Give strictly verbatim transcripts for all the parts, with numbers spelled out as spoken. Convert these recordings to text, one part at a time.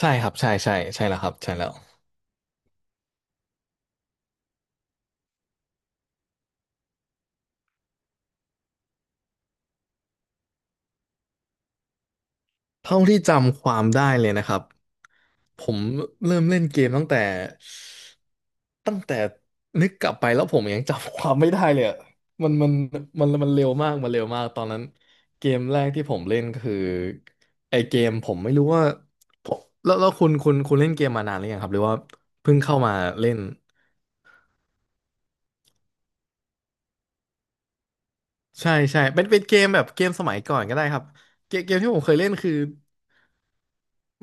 ใช่ครับใช่ใช่ใช่แล้วครับใช่แล้วเท่าที่จำความได้เลยนะครับผมเริ่มเล่นเกมตั้งแต่ตั้งแต่นึกกลับไปแล้วผมยังจำความไม่ได้เลยอะมันมันมันมันเร็วมากมันเร็วมากตอนนั้นเกมแรกที่ผมเล่นก็คือไอเกมผมไม่รู้ว่าผมแล้วแล้วคุณคุณคุณเล่นเกมมานานหรือยังครับหรือว่าเพิ่งเข้ามาเล่นใช่ใช่เป็นเป็นเกมแบบเกมสมัยก่อนก็ได้ครับเกมเกมที่ผมเคยเล่นคือ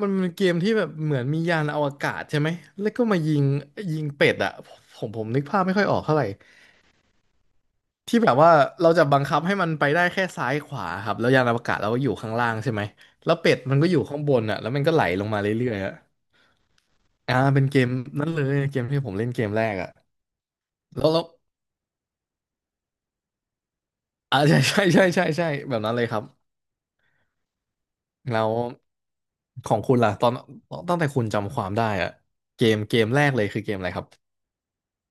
มันเป็นเกมที่แบบเหมือนมียานอวกาศใช่ไหม แล้วก็มายิงยิงเป็ดอะผมผมนึกภาพไม่ค่อยออกเท่าไหร่ที่แบบว่าเราจะบังคับให้มันไปได้แค่ซ้ายขวาครับแล้วยานอวกาศเราก็อยู่ข้างล่างใช่ไหมแล้วเป็ดมันก็อยู่ข้างบนอะแล้วมันก็ไหลลงมาเรื่อยๆอะอ่าเป็นเกมนั้นเลยเกมที่ผมเล่นเกมแรกอะแล้วแล้วอ่าใช่ใช่ใช่ใช่ใช่แบบนั้นเลยครับแล้วของคุณล่ะตอนตั้งแต่คุณจำความได้อะเกมเกมแรกเลยคือเกมอะไรครับ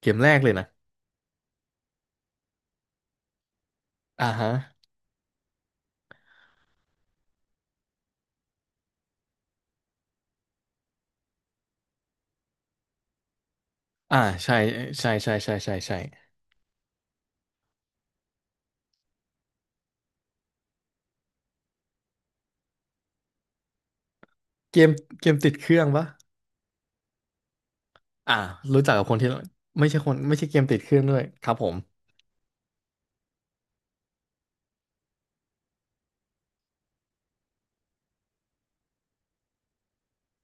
เกมแรกเลยนะอ่าฮะ อ่าใช่ใช่ใช่ใช่ใช่ใช่เกมเกมติดเครื่องปะอ่ารู้จักกับคนที่ไม่ใช่คนไม่ใช่เกมติดเครื่องด้วยครับผม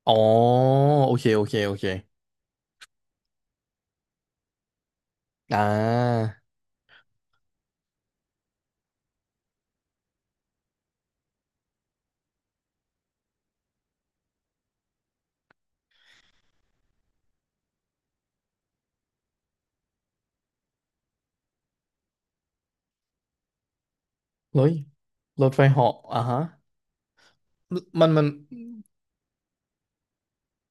อ๋อโอเคโอเคโอเคอ่ารถรถไฟเหาะอ่าฮะมันมัน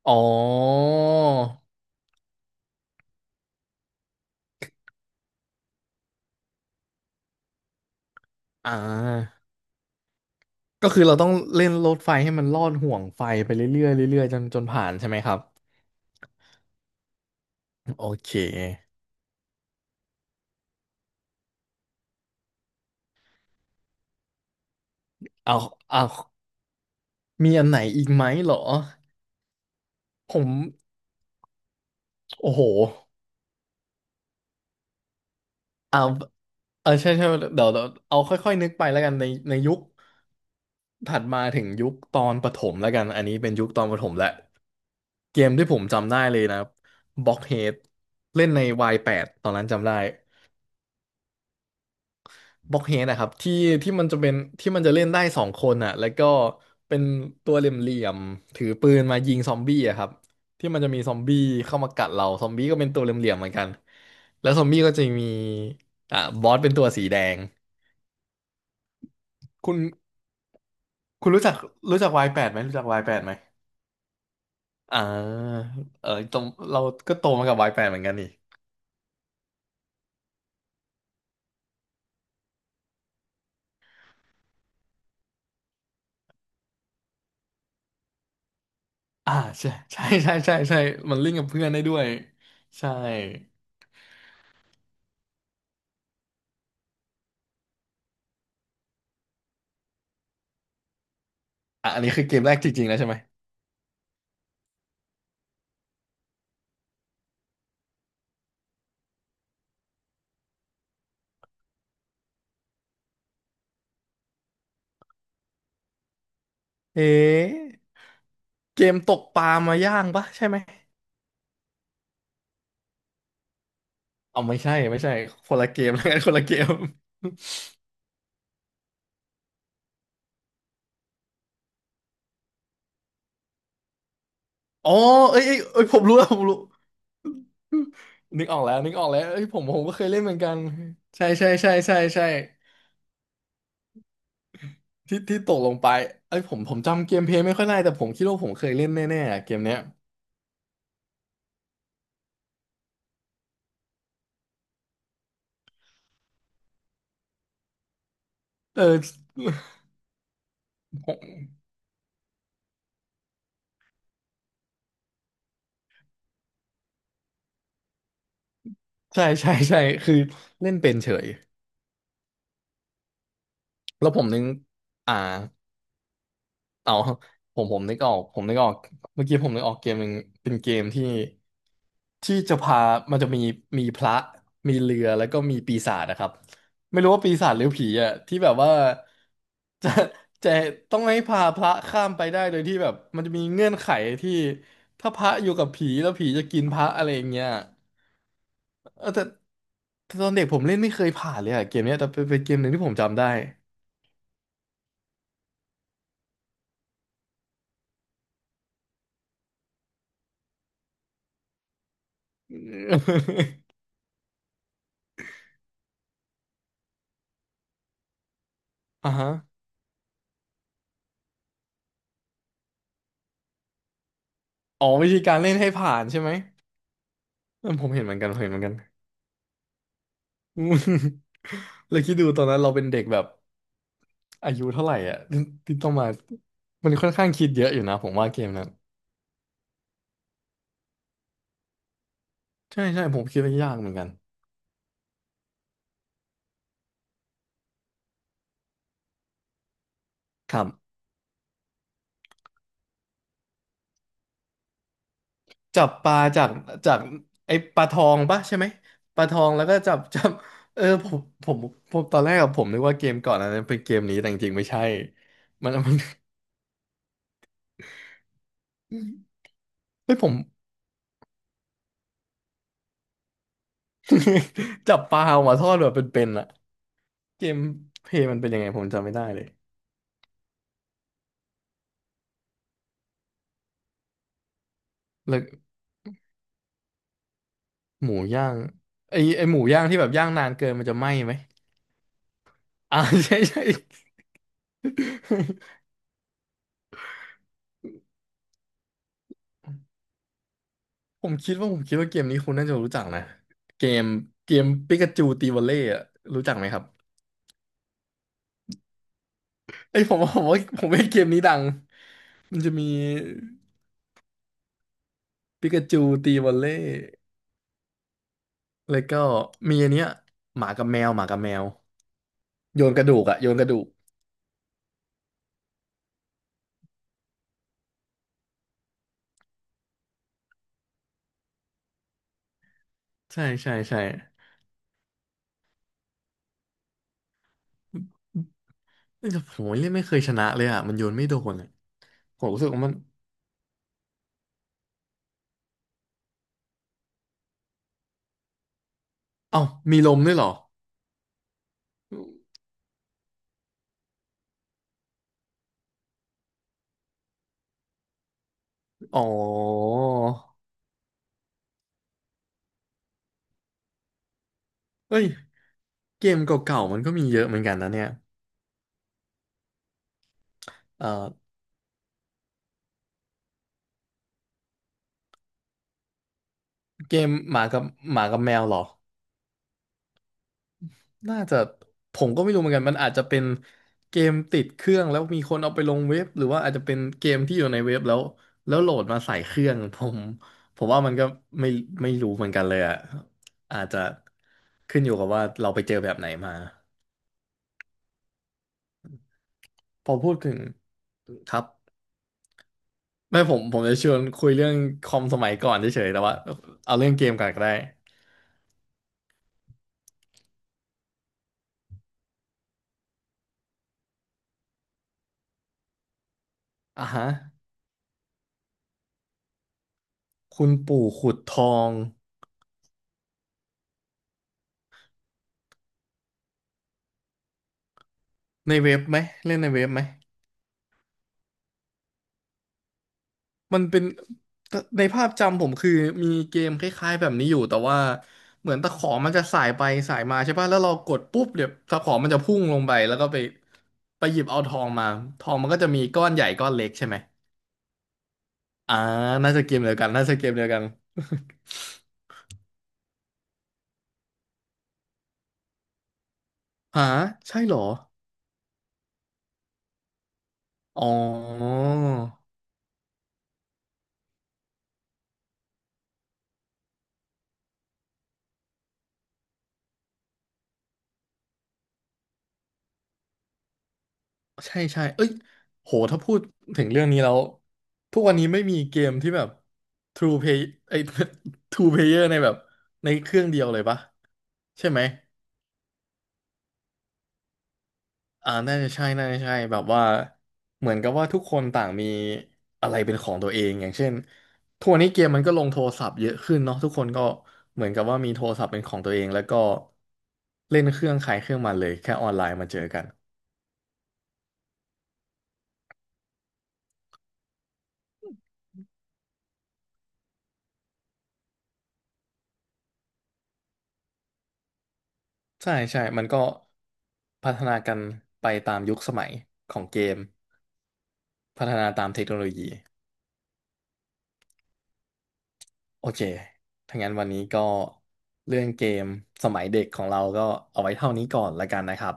อ๋ออ่าก็คือเราต้องเล่นรถไฟให้มันลอดห่วงไฟไปเรื่อยๆเรื่อยๆจนจนผ่านใช่ไหมครับโอเคเอาเอามีอันไหนอีกไหมเหรอผมโอ้โห เอาเออใช่ใช่เดี๋ยวเดี๋ยวเอาค่อยๆนึกไปแล้วกันในในยุคถัดมาถึงยุคตอนประถมแล้วกันอันนี้เป็นยุคตอนประถมแหละเกมที่ผมจำได้เลยนะบล็อกเฮดเล่นใน วาย แปด ตอนนั้นจำได้บล็อกเฮดนะครับที่ที่มันจะเป็นที่มันจะเล่นได้สองคนอ่ะแล้วก็เป็นตัวเหลี่ยมๆถือปืนมายิงซอมบี้อะครับที่มันจะมีซอมบี้เข้ามากัดเราซอมบี้ก็เป็นตัวเหลี่ยมๆเหมือนกันแล้วซอมบี้ก็จะมีอ่าบอสเป็นตัวสีแดงคุณ คุณรู้จักรู้จักวายแปดไหมรู้จักวายแปดไหมอ่าเออตรงเราก็โตมากับวายแปดเหมือนกันนี่อ่าใช่ใช่ใช่ใช่ใช่มันลิงก์กับเพื่อนได้ด้วยใช่อ่ะอันนี้คือเกมแรกจริงๆแล้วใช่ไหมเอ๊ะเกมตกปลามาย่างปะใช่ไหมเอาไม่ใช่ไม่ใช่คนละเกมแล้วกันคนละเกมอ๋อเอ้ยเอ้ยเอ้ยผมรู้แล้วผมรู้นึกออกแล้วนึกออกแล้วเอ้ยผมผมก็เคยเล่นเหมือนกันใช่ใช่ใช่ใช่ใช่ ที่ที่ตกลงไปเอ้ยผมผมจำเกมเพลย์ไม่ค่อยได้แต่ผมคิดว่าผมเคยเล่นแน่ๆอะเกมเนี้ยเออผมใช่ใช่ใช่คือเล่นเป็นเฉยแล้วผมนึงอ่า เอาผมผมนึกออกผมนึกออกเมื่อกี้ผมนึกออกเกมหนึ่งเป็นเกมที่ที่จะพามันจะมีมีพระมีเรือแล้วก็มีปีศาจนะครับไม่รู้ว่าปีศาจหรือผีอ่ะที่แบบว่าจะจะต้องให้พาพระข้ามไปได้โดยที่แบบมันจะมีเงื่อนไขที่ถ้าพระอยู่กับผีแล้วผีจะกินพระอะไรอย่างเงี้ยเออแต่แต่ตอนเด็กผมเล่นไม่เคยผ่านเลยอ่ะเกมเนี้ยแต่เป็นเป็นเกมหนึ่งที่ผมจำได้ อ่าฮะอ๋อวิธีการเล่นให้ผ่านใช่ไหม เออผมเห็นเหมือนกันผมเห็นเหมือนกัน อืมแลวคิดดูตอนนั้นเราเป็นเด็กแบบอายุเท่าไหร่อ่ะ ที่ที่ต้องมามันค่อนข้างคิดเยอะอยู่นะผมว่าเกมนั้นใช่ใช่ผมคิดว่ายากเหมือนกันครับจับปลาจากจากไอ้ปลาทองปะใช่ไหมปลาทองแล้วก็จับจับเออผมผมผมตอนแรกอะผมนึกว่าเกมก่อนอันนั้นเป็นเกมนี้แต่จริงๆไม่ใช่มันมัน อืมเฮ้ยผม จับปลาออกมาทอดแบบเป็นๆอะเกมเพลย์มันเป็นยังไงผมจำไม่ได้เลยแล้ว หมูย่างไอไอหมูย่างที่แบบย่างนานเกินมันจะไหม้ไหมอ่า ใช่ใช่ ผมคิดว่าผมคิดว่าเกมนี้คุณน่าจะรู้จักนะเกมเกมปิกาจูตีวอลเล่อะรู้จักไหมครับไอยผมว่าผมว่าผมว่าเกมนี้ดังมันจะมีปิกาจูตีวอลเล่แล้วก็มีอันเนี้ยหมากับแมวหมากับแมวโยนกระดูกอะโยนกระดูกใช่ใช่ใช่แต่ผมเล่นไม่เคยชนะเลยอะมันโยนไม่โดนอะผมรู้สึกว่ามันเอ้ามีลมด้วยเหรอ อ๋อเอ้ยเกมเก่าๆมันก็มีเยอะเหมือนกันนะเนี่ยเอ่อเกมหมากับหมากับแมวเหรอน่าจะผมก็ไม่รู้เหมือนกันมันอาจจะเป็นเกมติดเครื่องแล้วมีคนเอาไปลงเว็บหรือว่าอาจจะเป็นเกมที่อยู่ในเว็บแล้วแล้วโหลดมาใส่เครื่อง ผมผมว่ามันก็ไม่ไม่รู้เหมือนกันเลยอะอาจจะขึ้นอยู่กับว่าเราไปเจอแบบไหนมาพอพูดถึงครับไม่ผมผมจะชวนคุยเรื่องคอมสมัยก่อนเฉยๆแต่ว่าเอาเรื่องเกมก่อนก็ได้ อ่ะฮะคุณปู่ขุดทองในเว็บไหมเล่นในเว็บไหมมันเป็นในภาพจำผมคือมีเกมคล้ายๆแบบนี้อยู่แต่ว่าเหมือนตะขอมันจะสายไปสายมาใช่ป่ะแล้วเรากดปุ๊บเดี๋ยวตะขอมันจะพุ่งลงไปแล้วก็ไปไปหยิบเอาทองมาทองมันก็จะมีก้อนใหญ่ก้อนเล็กใช่ไหมอ่าน่าจะเกมเดียวกันน่าจะเกมเดียวกัน หาใช่เหรออ๋อ ใช่ใช่เอ้ยโหถ้าพูดถึงเรื่องนี้แล้วทุกวันนี้ไม่มีเกมที่แบบ ทรู เพลย์ ไอ้ ทู เพลเยอร์ ในแบบในเครื่องเดียวเลยปะใช่ไหมอ่าน่าจะใช่น่าจะใช่แบบว่าเหมือนกับว่าทุกคนต่างมีอะไรเป็นของตัวเองอย่างเช่นทุกวันนี้เกมมันก็ลงโทรศัพท์เยอะขึ้นเนาะทุกคนก็เหมือนกับว่ามีโทรศัพท์เป็นของตัวเองแล้วก็เล่นเครื่องใครเครื่องมันเลยแค่ออนไลน์มาเจอกัน ใช่ใช่มันก็พัฒนากันไปตามยุคสมัยของเกมพัฒนาตามเทคโนโลยีโอเคถ้างั้นวันนี้ก็เรื่องเกมสมัยเด็กของเราก็เอาไว้เท่านี้ก่อนละกันนะครับ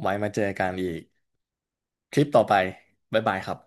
ไว้มาเจอกันอีกคลิปต่อไปบ๊ายบายครับ